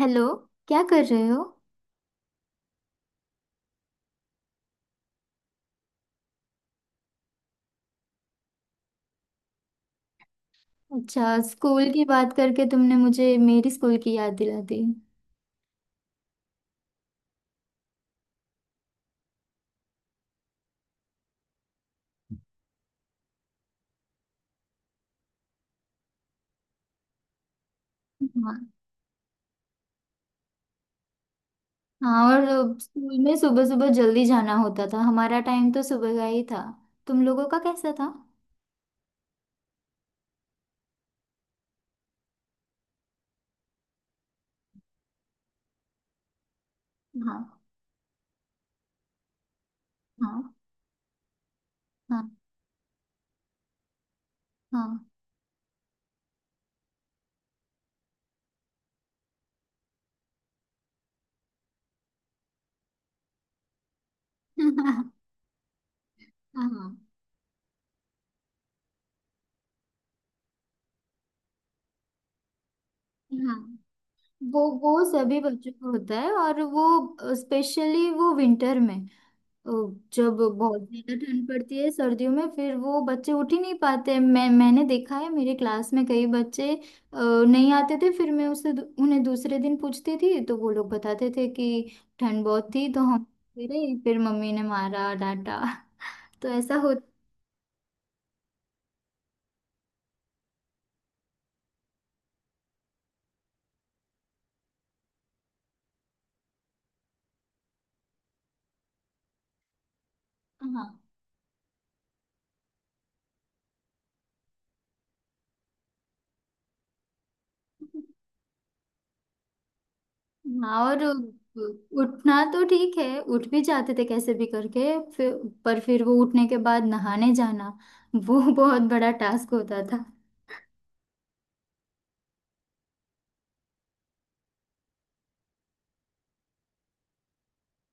Hello. क्या कर रहे हो? अच्छा, स्कूल की बात करके तुमने मुझे मेरी स्कूल की याद दिला दी। हाँ। हाँ, और स्कूल में सुबह सुबह जल्दी जाना होता था। हमारा टाइम तो सुबह का ही था। तुम लोगों का कैसा था? हाँ। हाँ। हाँ। हाँ। हाँ। हाँ, वो सभी बच्चों को होता है। और वो स्पेशली वो विंटर में अ, जब बहुत ज्यादा ठंड पड़ती है सर्दियों में, फिर वो बच्चे उठ ही नहीं पाते। मैंने देखा है, मेरे क्लास में कई बच्चे नहीं आते थे। फिर मैं उन्हें दूसरे दिन पूछती थी तो वो लोग बताते थे कि ठंड बहुत थी तो हम फिरे, फिर मम्मी ने मारा, डांटा। तो ऐसा होता। हाँ। हाँ, और उठना तो ठीक है, उठ भी जाते थे कैसे भी करके। फिर पर फिर वो उठने के बाद नहाने जाना, वो बहुत बड़ा टास्क होता था।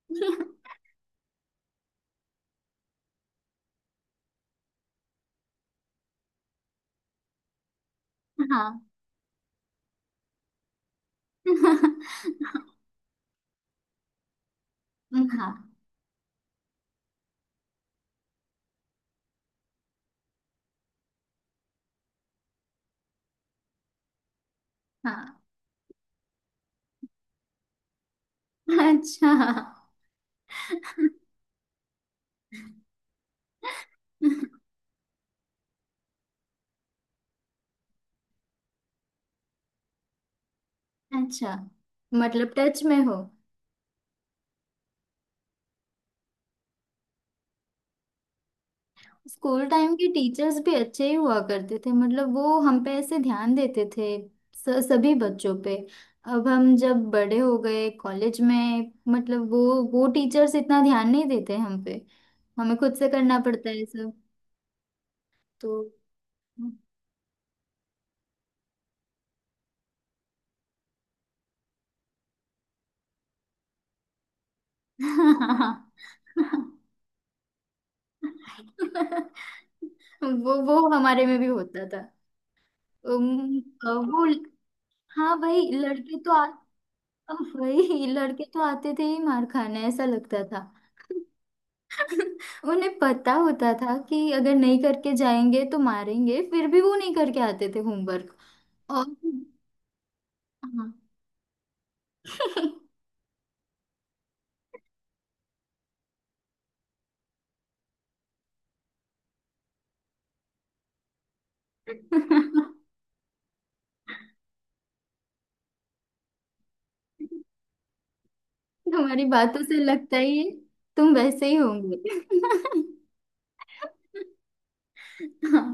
हाँ। हाँ। हाँ। हाँ। अच्छा। अच्छा, मतलब टच में हो। स्कूल टाइम के टीचर्स भी अच्छे ही हुआ करते थे। मतलब वो हम पे ऐसे ध्यान देते थे, सभी बच्चों पे। अब हम जब बड़े हो गए कॉलेज में, मतलब वो टीचर्स इतना ध्यान नहीं देते हम पे। हमें खुद से करना पड़ता है सब। तो वो हमारे में भी होता। उम, वो हाँ, वही लड़के तो आते थे ही मार खाने। ऐसा लगता था। उन्हें पता होता था कि अगर नहीं करके जाएंगे तो मारेंगे, फिर भी वो नहीं करके आते थे होमवर्क। और हाँ। तुम्हारी बातों से लगता ही है, तुम वैसे ही होंगे। हाँ।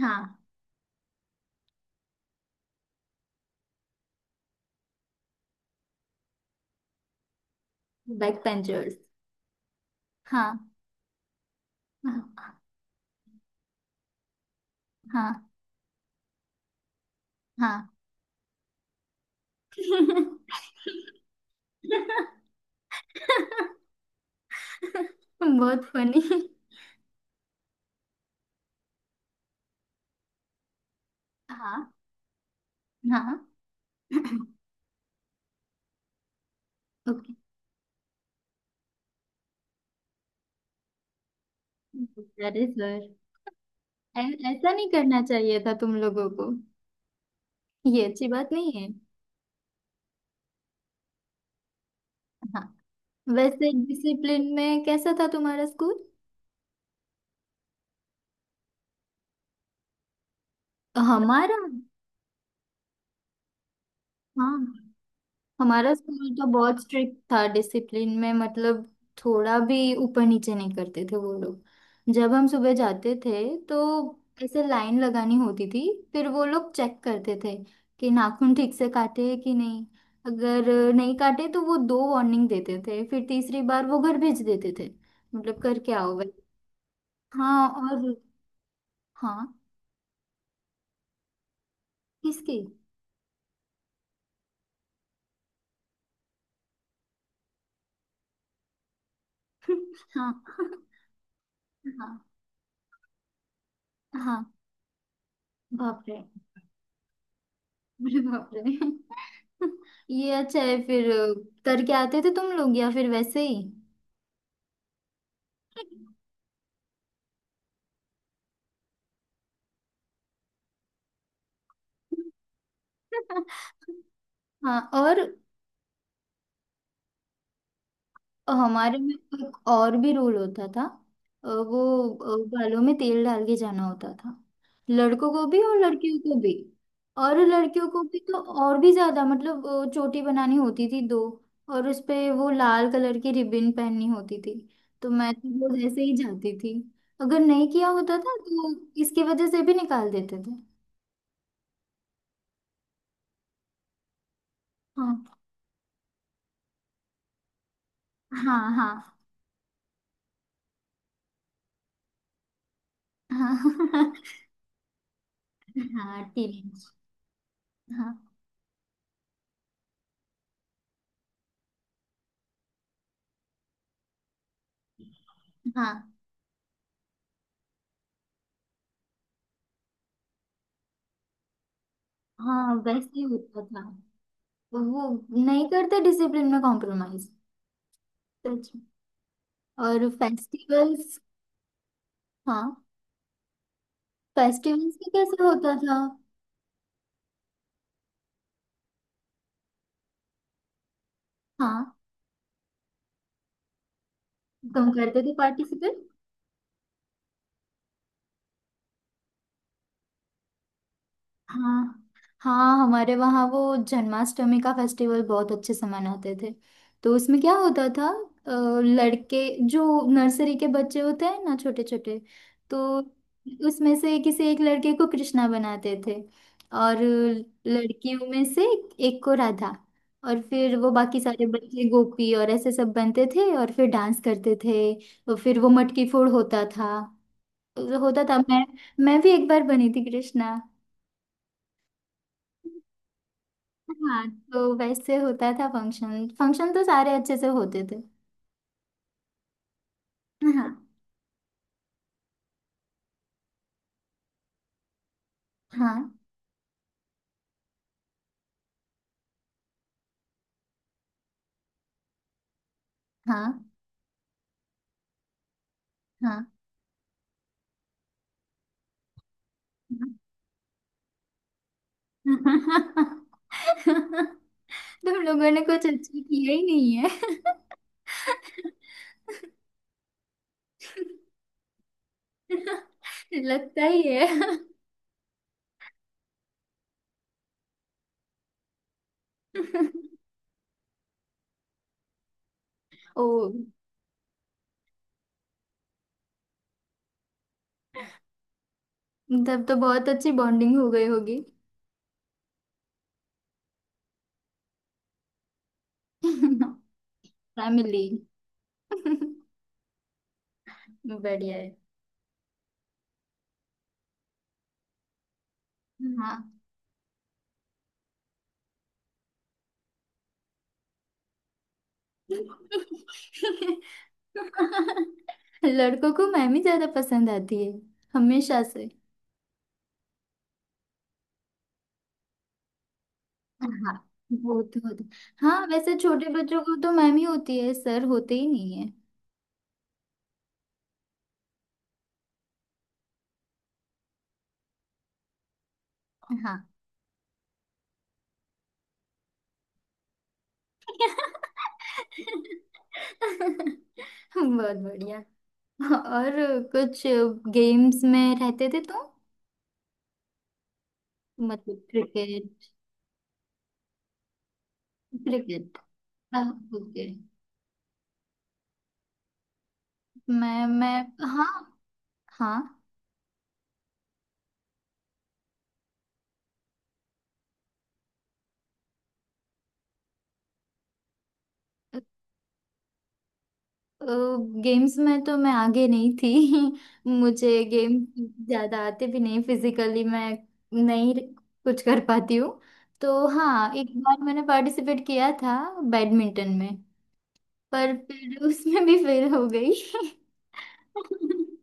हाँ, बैक पेंचर्स। हाँ। हाँ। हाँ। हाँ। बहुत फनी। हाँ। हाँ। ओके। That is good. ऐसा नहीं करना चाहिए था तुम लोगों को। ये अच्छी बात नहीं है। हाँ, वैसे डिसिप्लिन में कैसा था तुम्हारा स्कूल? हमारा। हाँ, हमारा स्कूल तो बहुत स्ट्रिक्ट था डिसिप्लिन में। मतलब थोड़ा भी ऊपर नीचे नहीं करते थे वो लोग। जब हम सुबह जाते थे तो ऐसे लाइन लगानी होती थी। फिर वो लोग चेक करते थे कि नाखून ठीक से काटे हैं कि नहीं। अगर नहीं काटे तो वो दो वार्निंग देते थे, फिर तीसरी बार वो घर भेज देते थे। मतलब करके आओ भाई। हाँ, और हाँ। किसकी? हाँ। हाँ। हाँ, बाप रे। अरे बाप रे। ये अच्छा है। फिर करके आते थे तुम लोग या फिर वैसे ही? हाँ, और हमारे में एक और भी रूल होता था। वो बालों में तेल डाल के जाना होता था। लड़कों को भी और लड़कियों को भी। और लड़कियों को भी तो और भी ज्यादा। मतलब चोटी बनानी होती थी दो। और उस पे वो लाल कलर की रिबन पहननी होती थी। तो मैं तो रोज ऐसे ही जाती थी। अगर नहीं किया होता था तो इसकी वजह से भी निकाल देते थे। हाँ। हाँ। हाँ। हाँ। हाँ, टीनेज। हाँ। हाँ। हाँ, वैसे ही होता था। वो नहीं करते डिसिप्लिन में कॉम्प्रोमाइज। सच में। और फेस्टिवल्स। हाँ। फेस्टिवल्स में कैसे होता था? हाँ। तुम करते थे पार्टिसिपेट? हाँ। हाँ, हमारे वहाँ वो जन्माष्टमी का फेस्टिवल बहुत अच्छे से मनाते थे। तो उसमें क्या होता था? लड़के, जो नर्सरी के बच्चे होते हैं ना, छोटे छोटे, तो उसमें से किसी एक लड़के को कृष्णा बनाते थे। और लड़कियों में से एक को राधा। और फिर वो बाकी सारे बच्चे गोपी और ऐसे सब बनते थे और फिर डांस करते थे। और फिर वो मटकी फोड़ होता था। होता था। मैं भी एक बार बनी थी कृष्णा। हाँ। तो वैसे होता था फंक्शन। फंक्शन तो सारे अच्छे से होते थे। हाँ। हाँ। हाँ। हाँ। हाँ। तुम लोगों ने कुछ अच्छा किया ही नहीं है। लगता ही है। ओ, तब तो बहुत अच्छी बॉन्डिंग हो गई होगी। फैमिली। बढ़िया है। हाँ। लड़कों को मैमी ज्यादा पसंद आती है हमेशा से। हाँ, वो तो होता। हाँ, वैसे छोटे बच्चों को तो मैमी होती है, सर होते ही नहीं है। हाँ। बहुत बढ़िया। और कुछ गेम्स में रहते थे तुम? मतलब क्रिकेट। क्रिकेट। ओके। मैं। हाँ। हाँ, गेम्स में तो मैं आगे नहीं थी। मुझे गेम ज्यादा आते भी नहीं। फिजिकली मैं नहीं कुछ कर पाती हूँ। तो हाँ, एक बार मैंने पार्टिसिपेट किया था बैडमिंटन में। पर फिर उसमें भी फेल हो गई।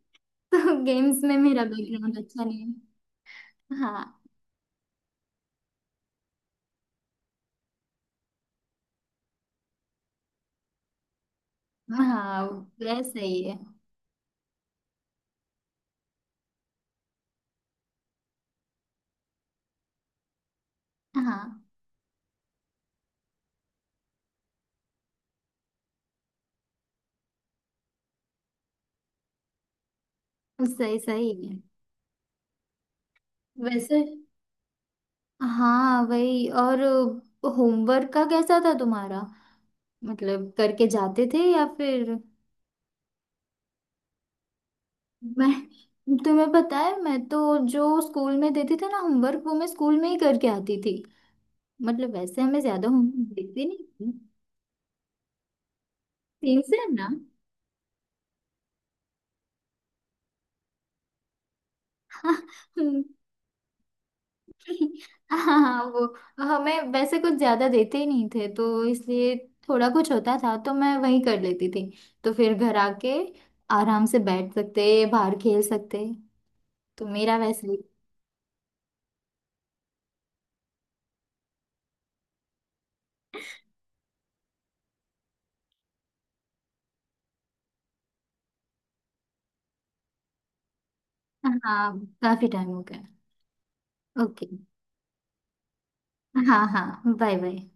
तो गेम्स में मेरा बैकग्राउंड अच्छा नहीं है। हाँ। हाँ, वैसा ही है। हाँ, सही। सही है। वैसे हाँ, वही। और होमवर्क का कैसा था तुम्हारा? मतलब करके जाते थे या फिर? मैं, तुम्हें पता है, मैं तो जो स्कूल में देती थी ना होमवर्क, वो मैं स्कूल में ही करके आती थी। मतलब वैसे हमें ज्यादा होमवर्क देती नहीं थी। तीन से है ना? हाँ। हाँ, हाँ, वो हमें वैसे कुछ ज्यादा देते ही नहीं थे तो इसलिए थोड़ा कुछ होता था तो मैं वही कर लेती थी। तो फिर घर आके आराम से बैठ सकते, बाहर खेल सकते। तो मेरा वैसे ही। हाँ, काफी टाइम हो गया। ओके। हाँ, हाँ, बाय बाय।